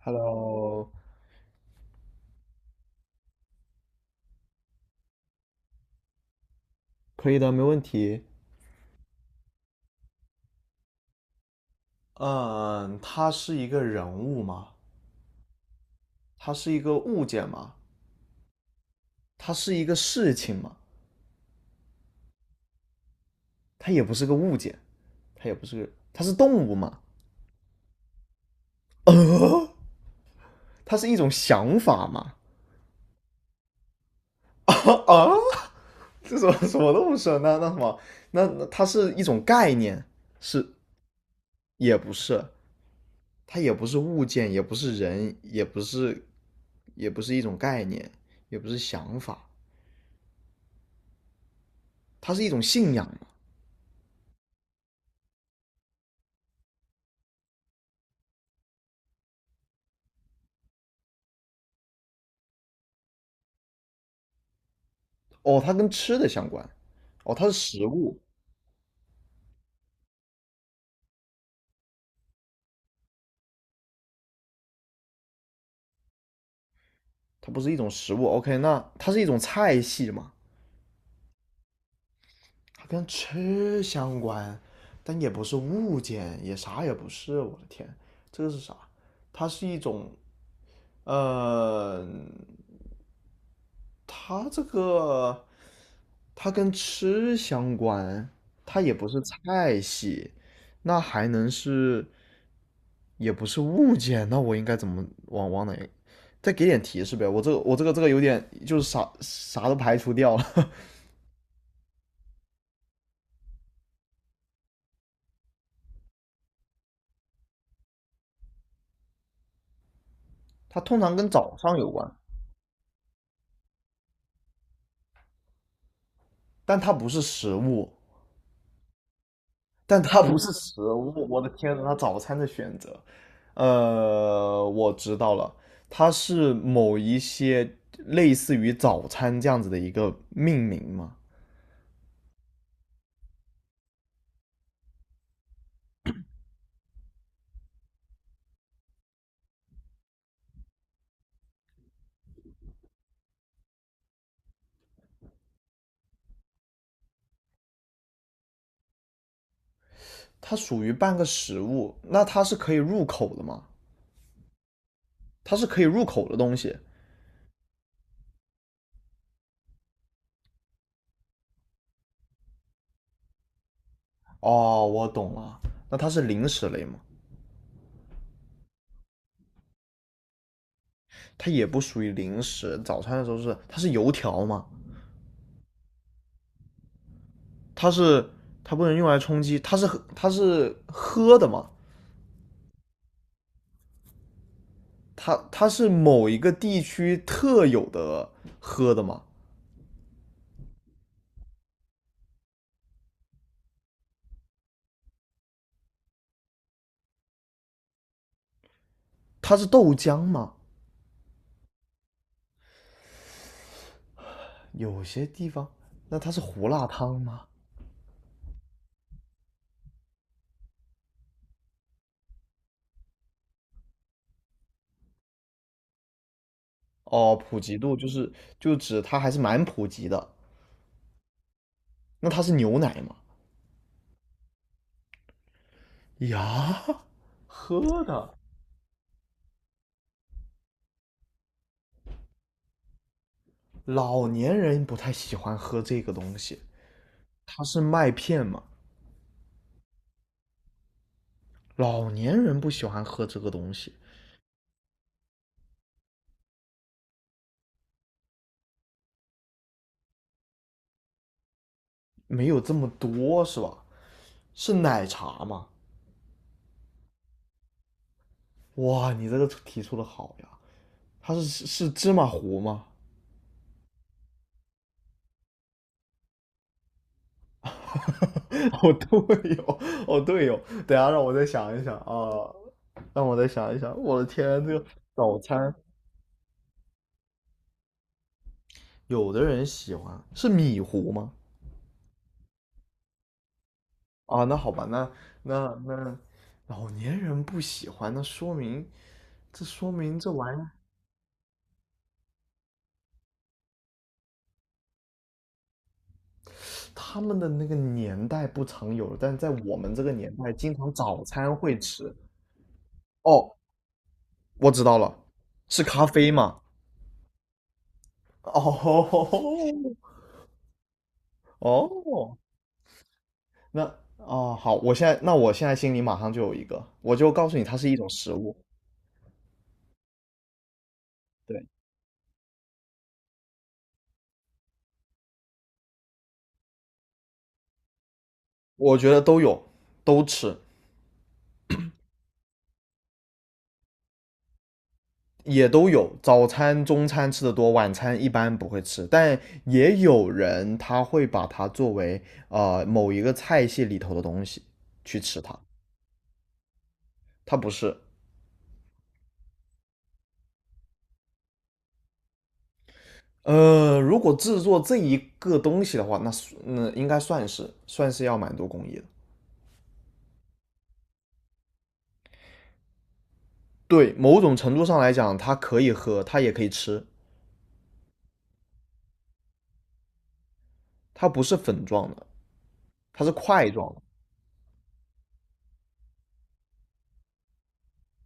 Hello，可以的，没问题。嗯，它是一个人物吗？它是一个物件吗？它是一个事情吗？它也不是个物件，它也不是个，它是动物吗？呃，它是一种想法吗？啊啊这什么什么都不是。那什么，那它是一种概念，是也不是？它也不是物件，也不是人，也不是，也不是一种概念，也不是想法，它是一种信仰。哦，它跟吃的相关，哦，它是食物，它不是一种食物。OK,那它是一种菜系嘛？它跟吃相关，但也不是物件，也啥也不是。我的天，这个是啥？它是一种，呃，它这个它跟吃相关，它也不是菜系，那还能是也不是物件，那我应该怎么往哪？再给点提示呗，我这个有点就是啥啥都排除掉了。它通常跟早上有关，但它不是食物，但它不是食物。我的天呐，它早餐的选择，我知道了，它是某一些类似于早餐这样子的一个命名嘛？它属于半个食物，那它是可以入口的吗？它是可以入口的东西。哦，我懂了，那它是零食类吗？它也不属于零食，早餐的时候是它是油条吗？它是它不能用来充饥，它是喝的吗？它是某一个地区特有的喝的吗？它是豆浆吗？有些地方，那它是胡辣汤吗？哦，普及度就是就指它还是蛮普及的。那它是牛奶吗？呀，喝的，老年人不太喜欢喝这个东西。它是麦片嘛，老年人不喜欢喝这个东西，没有这么多是吧？是奶茶嘛？哇，你这个提出的好呀！它是芝麻糊吗？哦，对哦，哦对哦，等一下让我再想一想啊，让我再想一想。我的天，这个早餐，有的人喜欢是米糊吗？啊，那好吧，那老年人不喜欢，那说明这说明这玩意他们的那个年代不常有，但在我们这个年代，经常早餐会吃。哦，我知道了，是咖啡嘛？哦哦，那哦好，我现在心里马上就有一个，我就告诉你，它是一种食物。对，我觉得都有，都吃，也都有。早餐、中餐吃的多，晚餐一般不会吃，但也有人他会把它作为某一个菜系里头的东西去吃它，它不是，呃，如果制作这一个东西的话，那那应该算是要蛮多工艺的。对，某种程度上来讲，它可以喝，它也可以吃，它不是粉状的，它是块状的。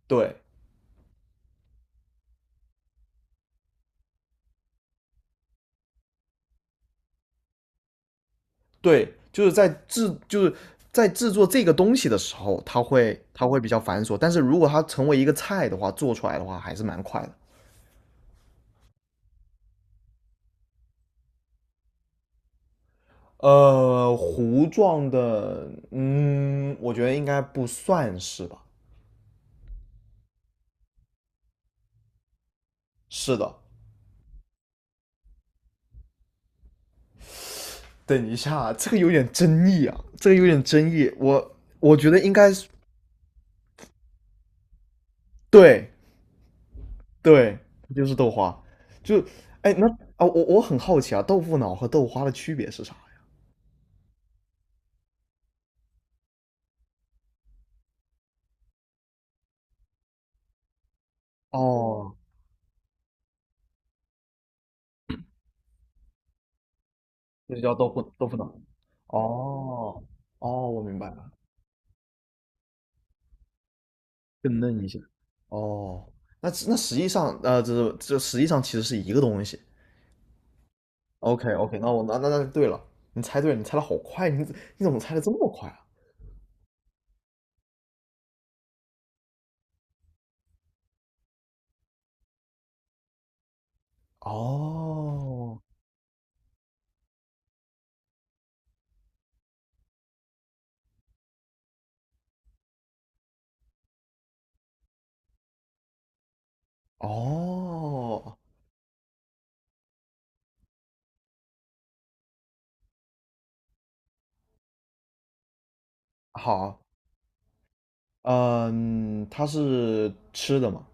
对对，在制作这个东西的时候，它会比较繁琐，但是如果它成为一个菜的话，做出来的话还是蛮快的。糊状的，嗯，我觉得应该不算是吧？是的，等一下，这个有点争议啊，这个有点争议。我觉得应该是对对，就是豆花。就哎，那啊，我很好奇啊，豆腐脑和豆花的区别是啥呀？哦，这就叫豆腐脑。哦哦，我明白了，更嫩一些。哦，那那实际上，呃，这是这实际上其实是一个东西。OK OK,那我那那那对了，你猜对了，你猜的好快，你你怎么猜的这么快啊？哦哦好，嗯，它是吃的嘛，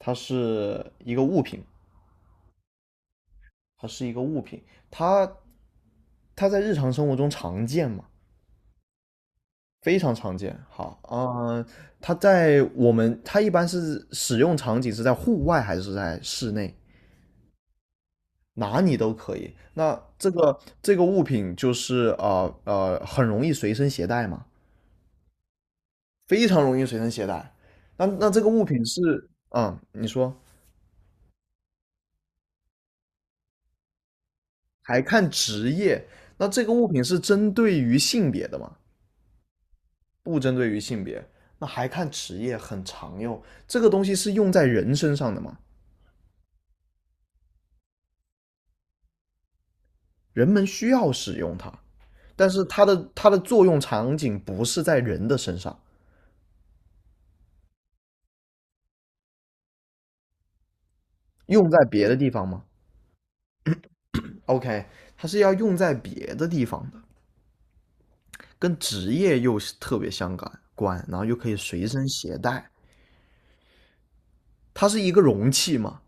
它是一个物品，它是一个物品，它它在日常生活中常见嘛，非常常见。好，嗯，它在我们，它一般是使用场景是在户外还是在室内？哪里都可以。那这个这个物品就是很容易随身携带嘛，非常容易随身携带。那那这个物品是，嗯，你说。还看职业。那这个物品是针对于性别的吗？不针对于性别。那还看职业，很常用。这个东西是用在人身上的吗？人们需要使用它，但是它的作用场景不是在人的身上，用在别的地方吗？OK,它是要用在别的地方的，跟职业又是特别相关然后又可以随身携带。它是一个容器吗？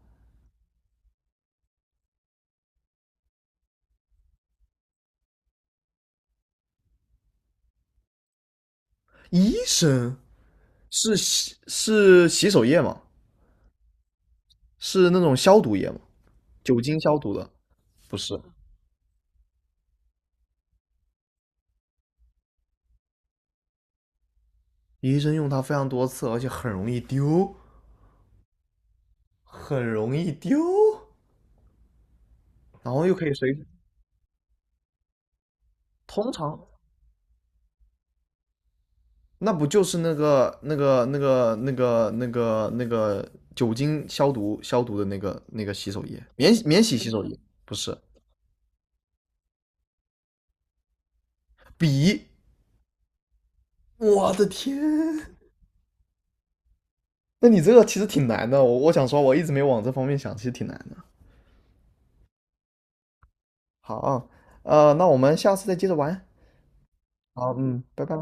医生是洗手液吗？是那种消毒液吗？酒精消毒的？不是，医生用它非常多次，而且很容易丢，很容易丢，然后又可以随身通常那不就是那个酒精消毒的那个洗手液，免洗洗手液？不是，笔。我的天，那你这个其实挺难的。我想说，我一直没往这方面想，其实挺难的。好啊，呃，那我们下次再接着玩。好，嗯，拜拜。